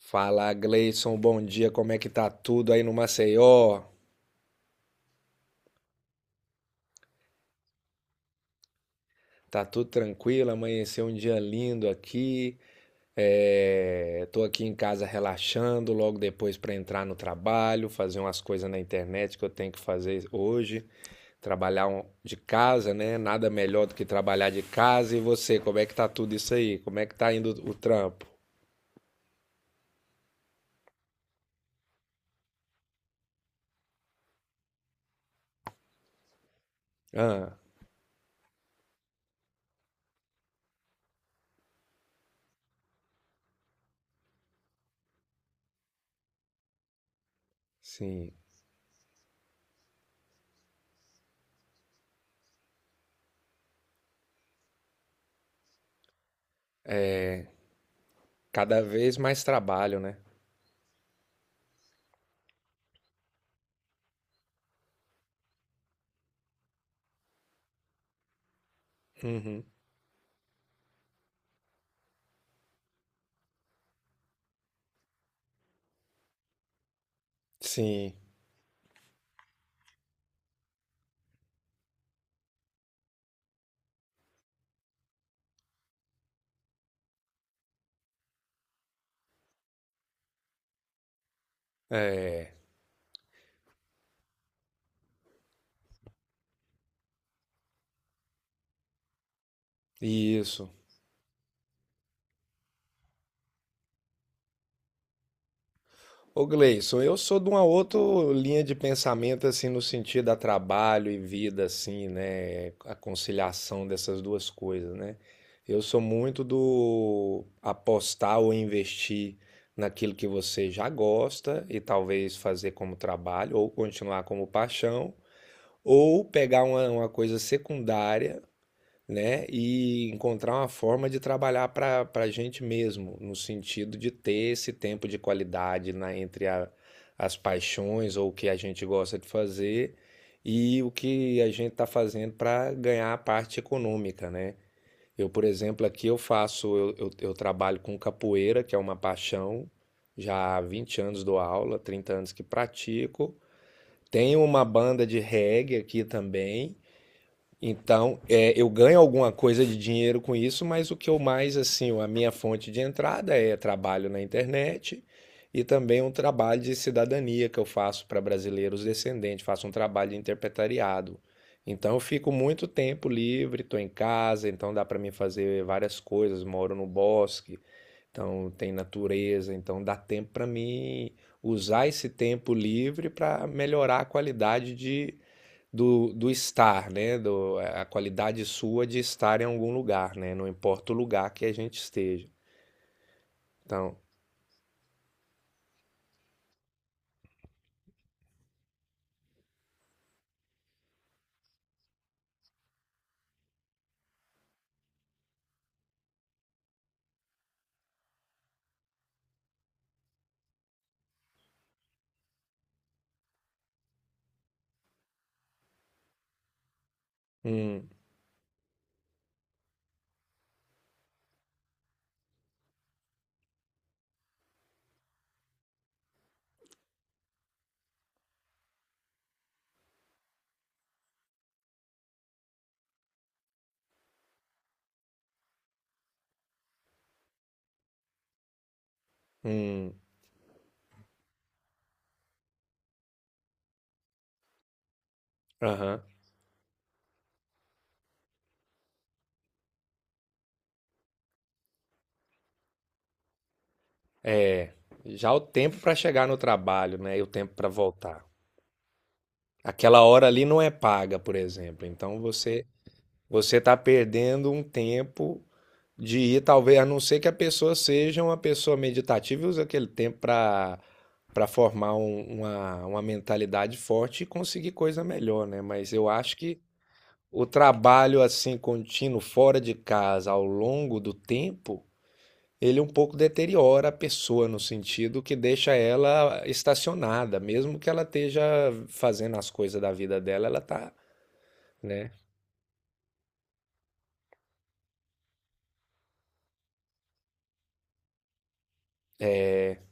Fala, Gleison, bom dia. Como é que tá tudo aí no Maceió? Tá tudo tranquilo? Amanheceu um dia lindo aqui. É, tô aqui em casa relaxando, logo depois para entrar no trabalho, fazer umas coisas na internet que eu tenho que fazer hoje, trabalhar de casa, né? Nada melhor do que trabalhar de casa. E você, como é que tá tudo isso aí? Como é que tá indo o trampo? Ah, sim. Cada vez mais trabalho, né? Uhum. Sim. É, isso. Ô Gleison, eu sou de uma outra linha de pensamento, assim, no sentido a trabalho e vida, assim, né? A conciliação dessas duas coisas, né? Eu sou muito do apostar ou investir naquilo que você já gosta e talvez fazer como trabalho, ou continuar como paixão, ou pegar uma coisa secundária, né? E encontrar uma forma de trabalhar para a gente mesmo, no sentido de ter esse tempo de qualidade na, entre as paixões ou o que a gente gosta de fazer e o que a gente está fazendo para ganhar a parte econômica, né? Eu, por exemplo, aqui eu faço, eu trabalho com capoeira, que é uma paixão, já há 20 anos dou aula, 30 anos que pratico. Tenho uma banda de reggae aqui também, então, eu ganho alguma coisa de dinheiro com isso, mas o que eu mais, assim, a minha fonte de entrada é trabalho na internet e também um trabalho de cidadania que eu faço para brasileiros descendentes, faço um trabalho de interpretariado. Então, eu fico muito tempo livre, estou em casa, então dá para mim fazer várias coisas, moro no bosque, então tem natureza, então dá tempo para mim usar esse tempo livre para melhorar a qualidade do estar, né? A qualidade sua de estar em algum lugar, né? Não importa o lugar que a gente esteja. Então, hum, hum, aham. É, já o tempo para chegar no trabalho, né? E o tempo para voltar. Aquela hora ali não é paga, por exemplo. Então você está perdendo um tempo de ir, talvez, a não ser que a pessoa seja uma pessoa meditativa e use aquele tempo para formar uma mentalidade forte e conseguir coisa melhor, né? Mas eu acho que o trabalho assim contínuo fora de casa ao longo do tempo, ele um pouco deteriora a pessoa no sentido que deixa ela estacionada, mesmo que ela esteja fazendo as coisas da vida dela, ela tá, né? É,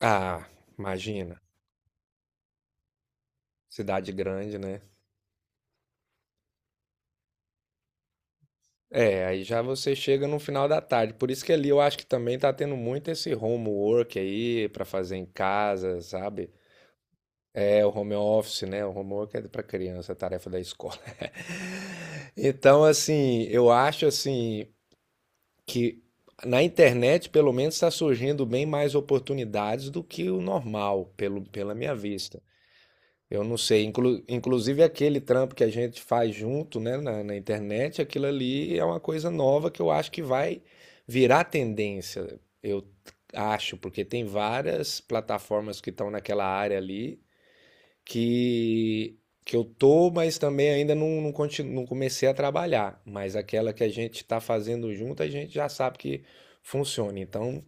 ah, imagina, cidade grande, né? É, aí já você chega no final da tarde. Por isso que ali eu acho que também tá tendo muito esse homework aí pra fazer em casa, sabe? É o home office, né? O homework é pra criança, é tarefa da escola. Então, assim, eu acho assim que na internet, pelo menos, está surgindo bem mais oportunidades do que o normal, pela minha vista. Eu não sei. Inclusive aquele trampo que a gente faz junto, né, na internet, aquilo ali é uma coisa nova que eu acho que vai virar tendência. Eu acho, porque tem várias plataformas que estão naquela área ali que que eu tô, mas também ainda não comecei a trabalhar. Mas aquela que a gente está fazendo junto, a gente já sabe que funciona. Então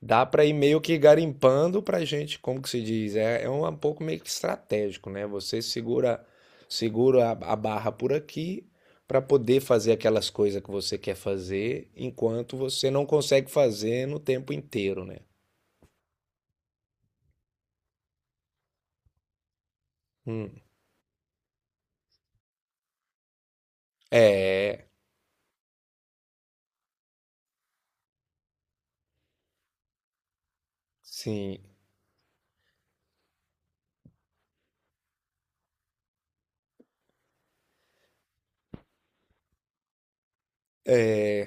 dá para ir meio que garimpando para gente, como que se diz, é um pouco meio que estratégico, né? Você segura a barra por aqui para poder fazer aquelas coisas que você quer fazer, enquanto você não consegue fazer no tempo inteiro, né? Hum. É, sim. é,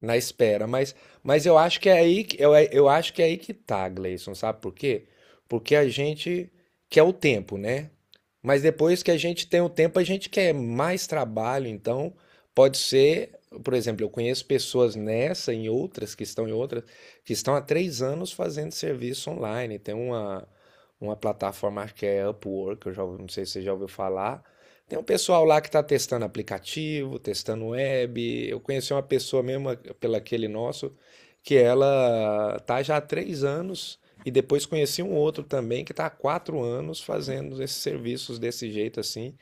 Na espera, mas eu acho que é aí que eu acho que é aí que tá, Gleison, sabe por quê? Porque a gente quer o tempo, né? Mas depois que a gente tem o tempo, a gente quer mais trabalho, então pode ser, por exemplo, eu conheço pessoas nessa, em outras, que estão em outras, que estão há 3 anos fazendo serviço online. Tem uma plataforma que é Upwork, não sei se você já ouviu falar, tem um pessoal lá que está testando aplicativo, testando web. Eu conheci uma pessoa mesmo pela aquele nosso que ela tá já há 3 anos e depois conheci um outro também que está há 4 anos fazendo esses serviços desse jeito assim,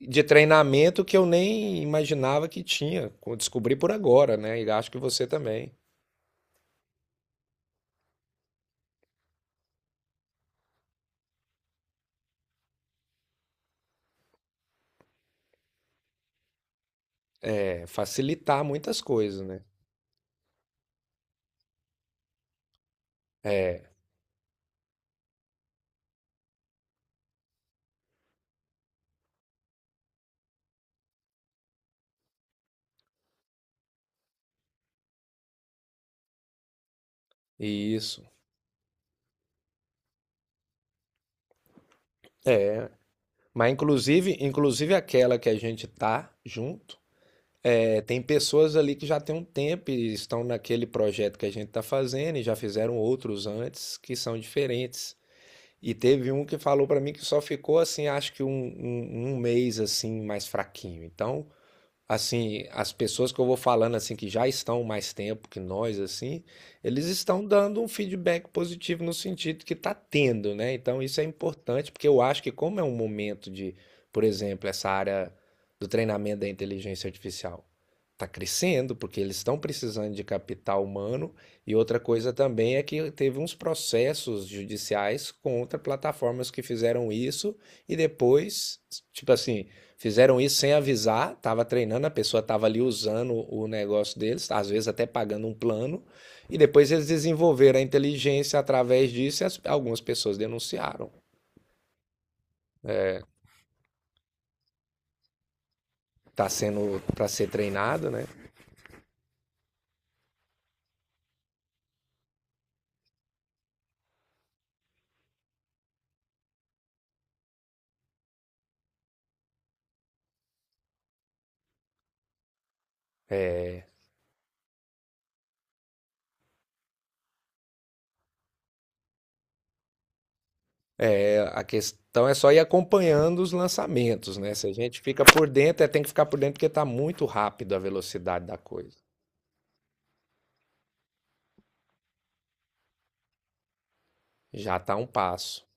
de treinamento que eu nem imaginava que tinha. Eu descobri por agora, né? E acho que você também. É, facilitar muitas coisas, né? É, isso. É. Mas inclusive aquela que a gente tá junto. É, tem pessoas ali que já tem um tempo e estão naquele projeto que a gente está fazendo e já fizeram outros antes que são diferentes. E teve um que falou para mim que só ficou assim, acho que um mês assim mais fraquinho. Então, assim, as pessoas que eu vou falando assim que já estão mais tempo que nós assim, eles estão dando um feedback positivo no sentido que está tendo, né? Então isso é importante porque eu acho que como é um momento de, por exemplo, essa área do treinamento da inteligência artificial está crescendo porque eles estão precisando de capital humano, e outra coisa também é que teve uns processos judiciais contra plataformas que fizeram isso e depois, tipo assim, fizeram isso sem avisar, estava treinando, a pessoa estava ali usando o negócio deles, às vezes até pagando um plano, e depois eles desenvolveram a inteligência através disso e algumas pessoas denunciaram. Está sendo para ser treinado, né? É, é, a questão é só ir acompanhando os lançamentos, né? Se a gente fica por dentro, tem que ficar por dentro porque está muito rápido a velocidade da coisa. Já está um passo.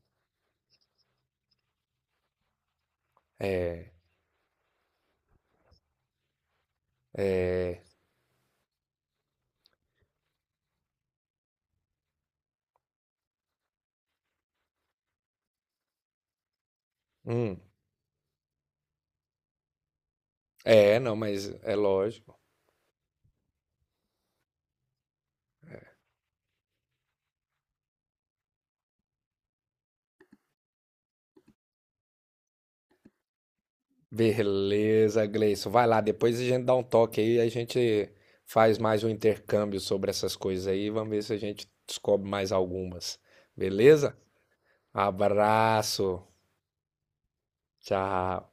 Hum, é, não, mas é lógico. Beleza, Gleison. Vai lá, depois a gente dá um toque aí, a gente faz mais um intercâmbio sobre essas coisas aí, vamos ver se a gente descobre mais algumas. Beleza? Abraço. Tchau.